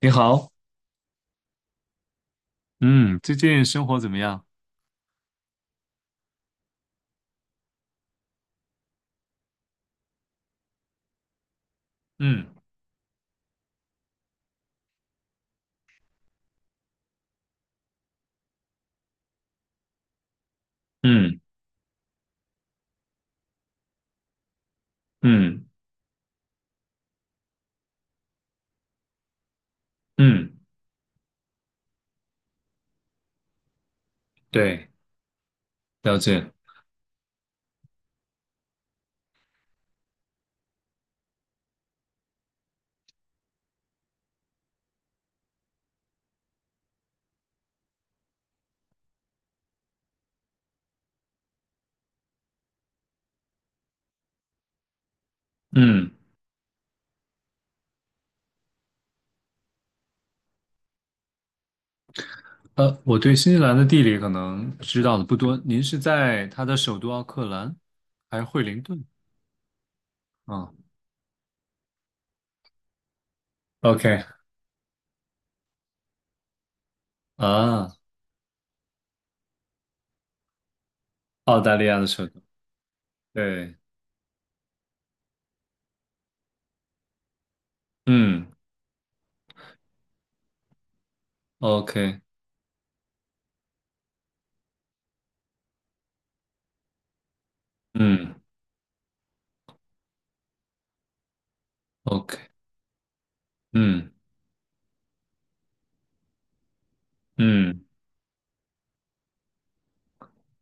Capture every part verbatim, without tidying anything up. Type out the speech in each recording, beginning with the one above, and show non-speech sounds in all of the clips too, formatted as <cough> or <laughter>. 你好，嗯，最近生活怎么样？嗯嗯嗯嗯，对，了解，嗯，呃，我对新西兰的地理可能知道的不多，您是在它的首都奥克兰还是惠灵顿？啊，OK，<laughs> 啊，澳大利亚的首都，对，嗯，OK，嗯，OK，嗯嗯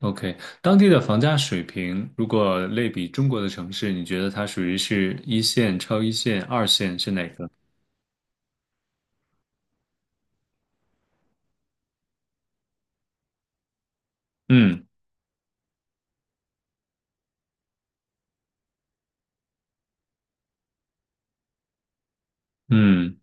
，OK，当地的房价水平，如果类比中国的城市，你觉得它属于是一线、超一线、二线是哪个？嗯。嗯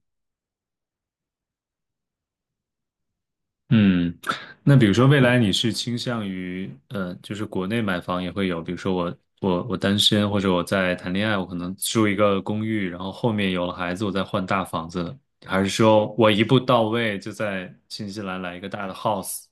嗯，那比如说未来你是倾向于，呃，就是国内买房也会有，比如说我我我单身或者我在谈恋爱，我可能住一个公寓，然后后面有了孩子，我再换大房子，还是说我一步到位就在新西兰来一个大的 house？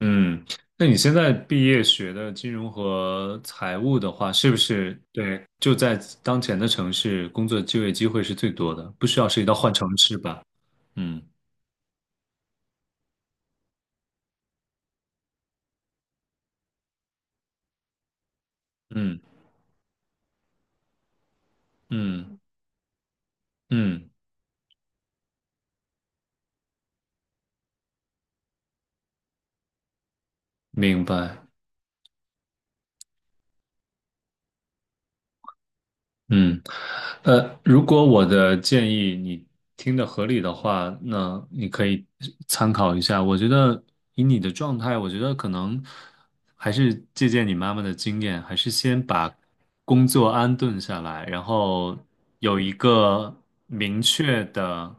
嗯，那你现在毕业学的金融和财务的话，是不是对就在当前的城市工作就业机会是最多的，不需要涉及到换城市吧？嗯嗯嗯嗯。明白，嗯，呃，如果我的建议你听的合理的话，那你可以参考一下。我觉得以你的状态，我觉得可能还是借鉴你妈妈的经验，还是先把工作安顿下来，然后有一个明确的。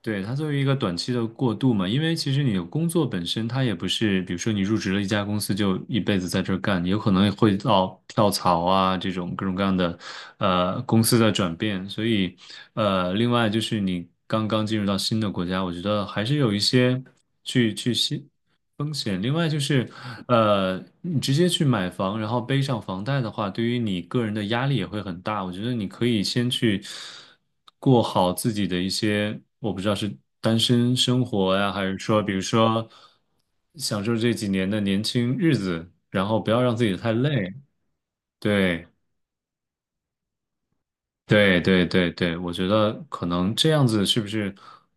对，它作为一个短期的过渡嘛，因为其实你的工作本身它也不是，比如说你入职了一家公司就一辈子在这儿干，有可能会到跳槽啊这种各种各样的，呃，公司的转变。所以，呃，另外就是你刚刚进入到新的国家，我觉得还是有一些去去新风险。另外就是，呃，你直接去买房，然后背上房贷的话，对于你个人的压力也会很大。我觉得你可以先去过好自己的一些，我不知道是单身生活呀，还是说，比如说享受这几年的年轻日子，然后不要让自己太累。对，对，对，对，对，我觉得可能这样子是不是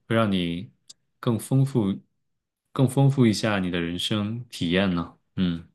会让你更丰富、更丰富一下你的人生体验呢？嗯。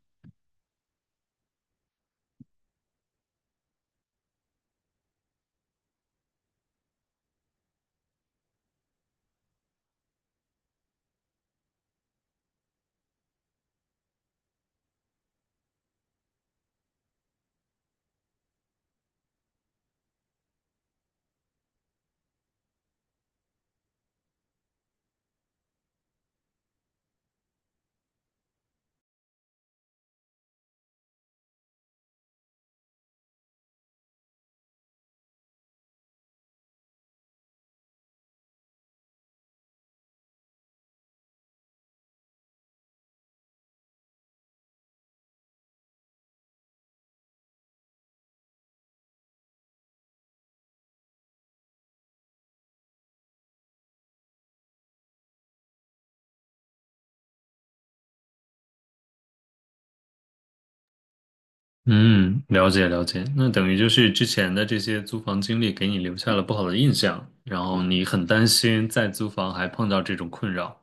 嗯，了解了解。那等于就是之前的这些租房经历给你留下了不好的印象，然后你很担心再租房还碰到这种困扰。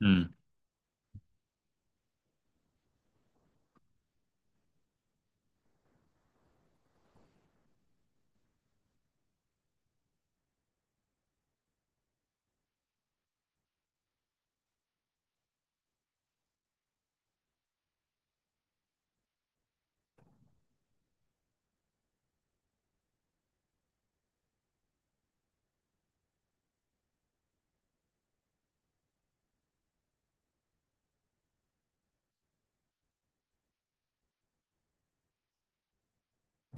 嗯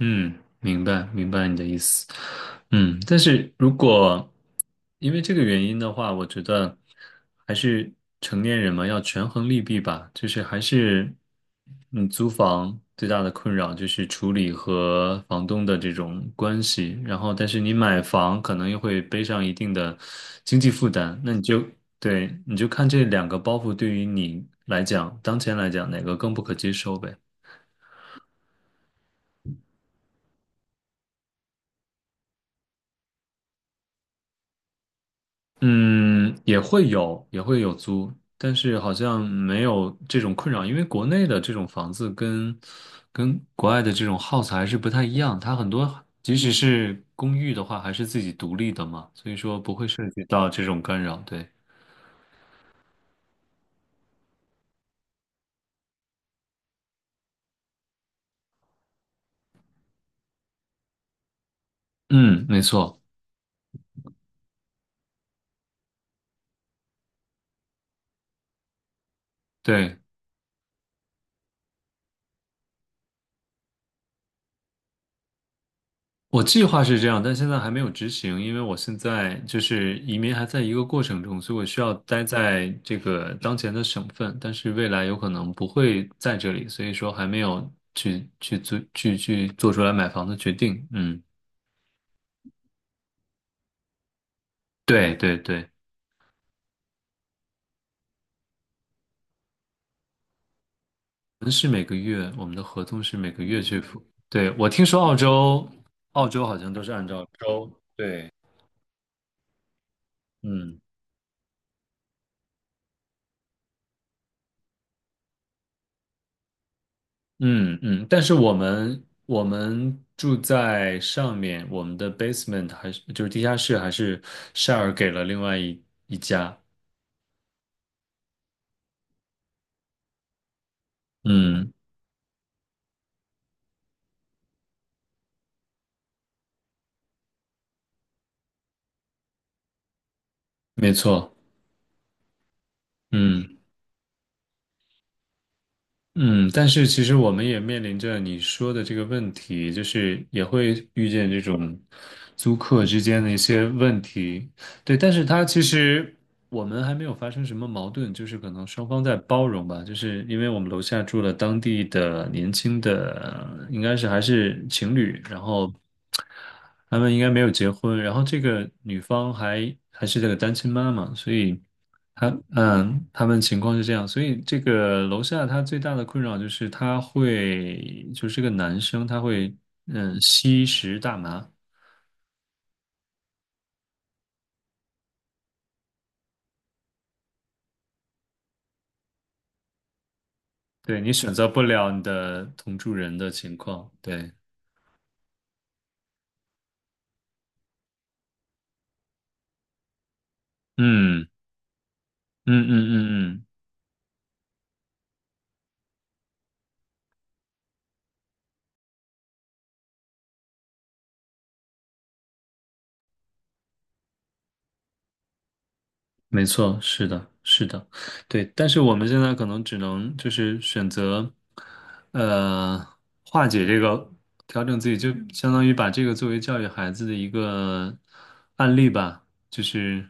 嗯，明白明白你的意思。嗯，但是如果因为这个原因的话，我觉得还是成年人嘛，要权衡利弊吧。就是还是，嗯，租房最大的困扰就是处理和房东的这种关系。然后，但是你买房可能又会背上一定的经济负担，那你就对，你就看这两个包袱对于你来讲，当前来讲哪个更不可接受呗。嗯，也会有，也会有租，但是好像没有这种困扰，因为国内的这种房子跟跟国外的这种 house 还是不太一样，它很多即使是公寓的话，还是自己独立的嘛，所以说不会涉及到这种干扰，对。嗯，没错，对。我计划是这样，但现在还没有执行，因为我现在就是移民还在一个过程中，所以我需要待在这个当前的省份，但是未来有可能不会在这里，所以说还没有去去做去去做出来买房的决定。嗯，对对对，我们是每个月，我们的合同是每个月去付。对，我听说澳洲，澳洲好像都是按照周，对，嗯。嗯嗯，但是我们我们住在上面，我们的 basement 还是就是地下室还是 share 给了另外一一家。嗯，没错。嗯。嗯，但是其实我们也面临着你说的这个问题，就是也会遇见这种租客之间的一些问题。对，但是它其实我们还没有发生什么矛盾，就是可能双方在包容吧。就是因为我们楼下住了当地的年轻的，应该是还是情侣，然后他们应该没有结婚，然后这个女方还还是这个单亲妈妈，所以。他嗯，他们情况是这样，所以这个楼下他最大的困扰就是他会，就是这个男生，他会嗯吸食大麻，对你选择不了你的同住人的情况，对，嗯嗯嗯嗯嗯，没错，是的，是的，对。但是我们现在可能只能就是选择，呃，化解这个，调整自己，就嗯相当于把这个作为教育孩子的一个案例吧。就是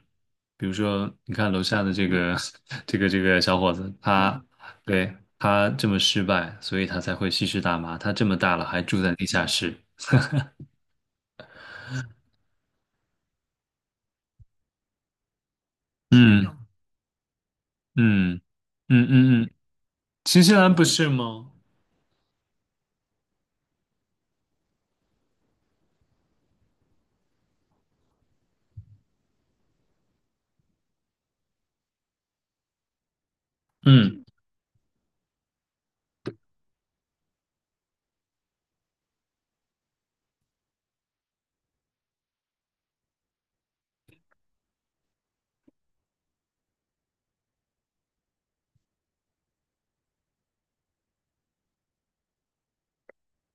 比如说，你看楼下的这个 <laughs> 这个这个小伙子，他对他这么失败，所以他才会吸食大麻。他这么大了还住在地下室。<laughs> 嗯嗯嗯嗯嗯嗯，新西兰不是吗？嗯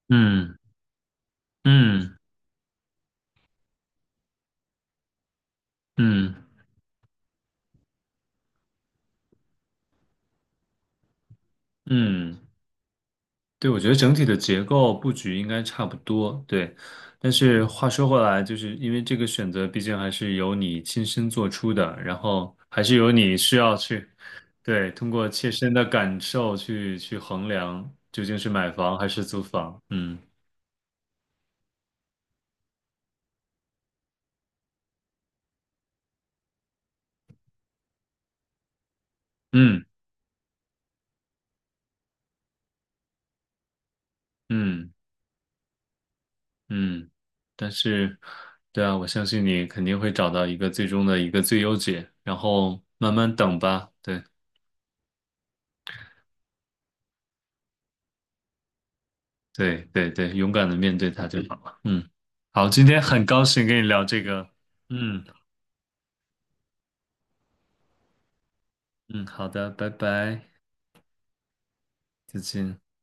嗯。嗯嗯嗯，对，我觉得整体的结构布局应该差不多，对。但是话说回来，就是因为这个选择毕竟还是由你亲身做出的，然后还是由你需要去，对，通过切身的感受去去衡量究竟是买房还是租房。嗯嗯嗯嗯，但是，对啊，我相信你肯定会找到一个最终的一个最优解，然后慢慢等吧。对。对对对，勇敢的面对它就好了。嗯，好，今天很高兴跟你聊这个。嗯嗯，好的，拜拜，再见。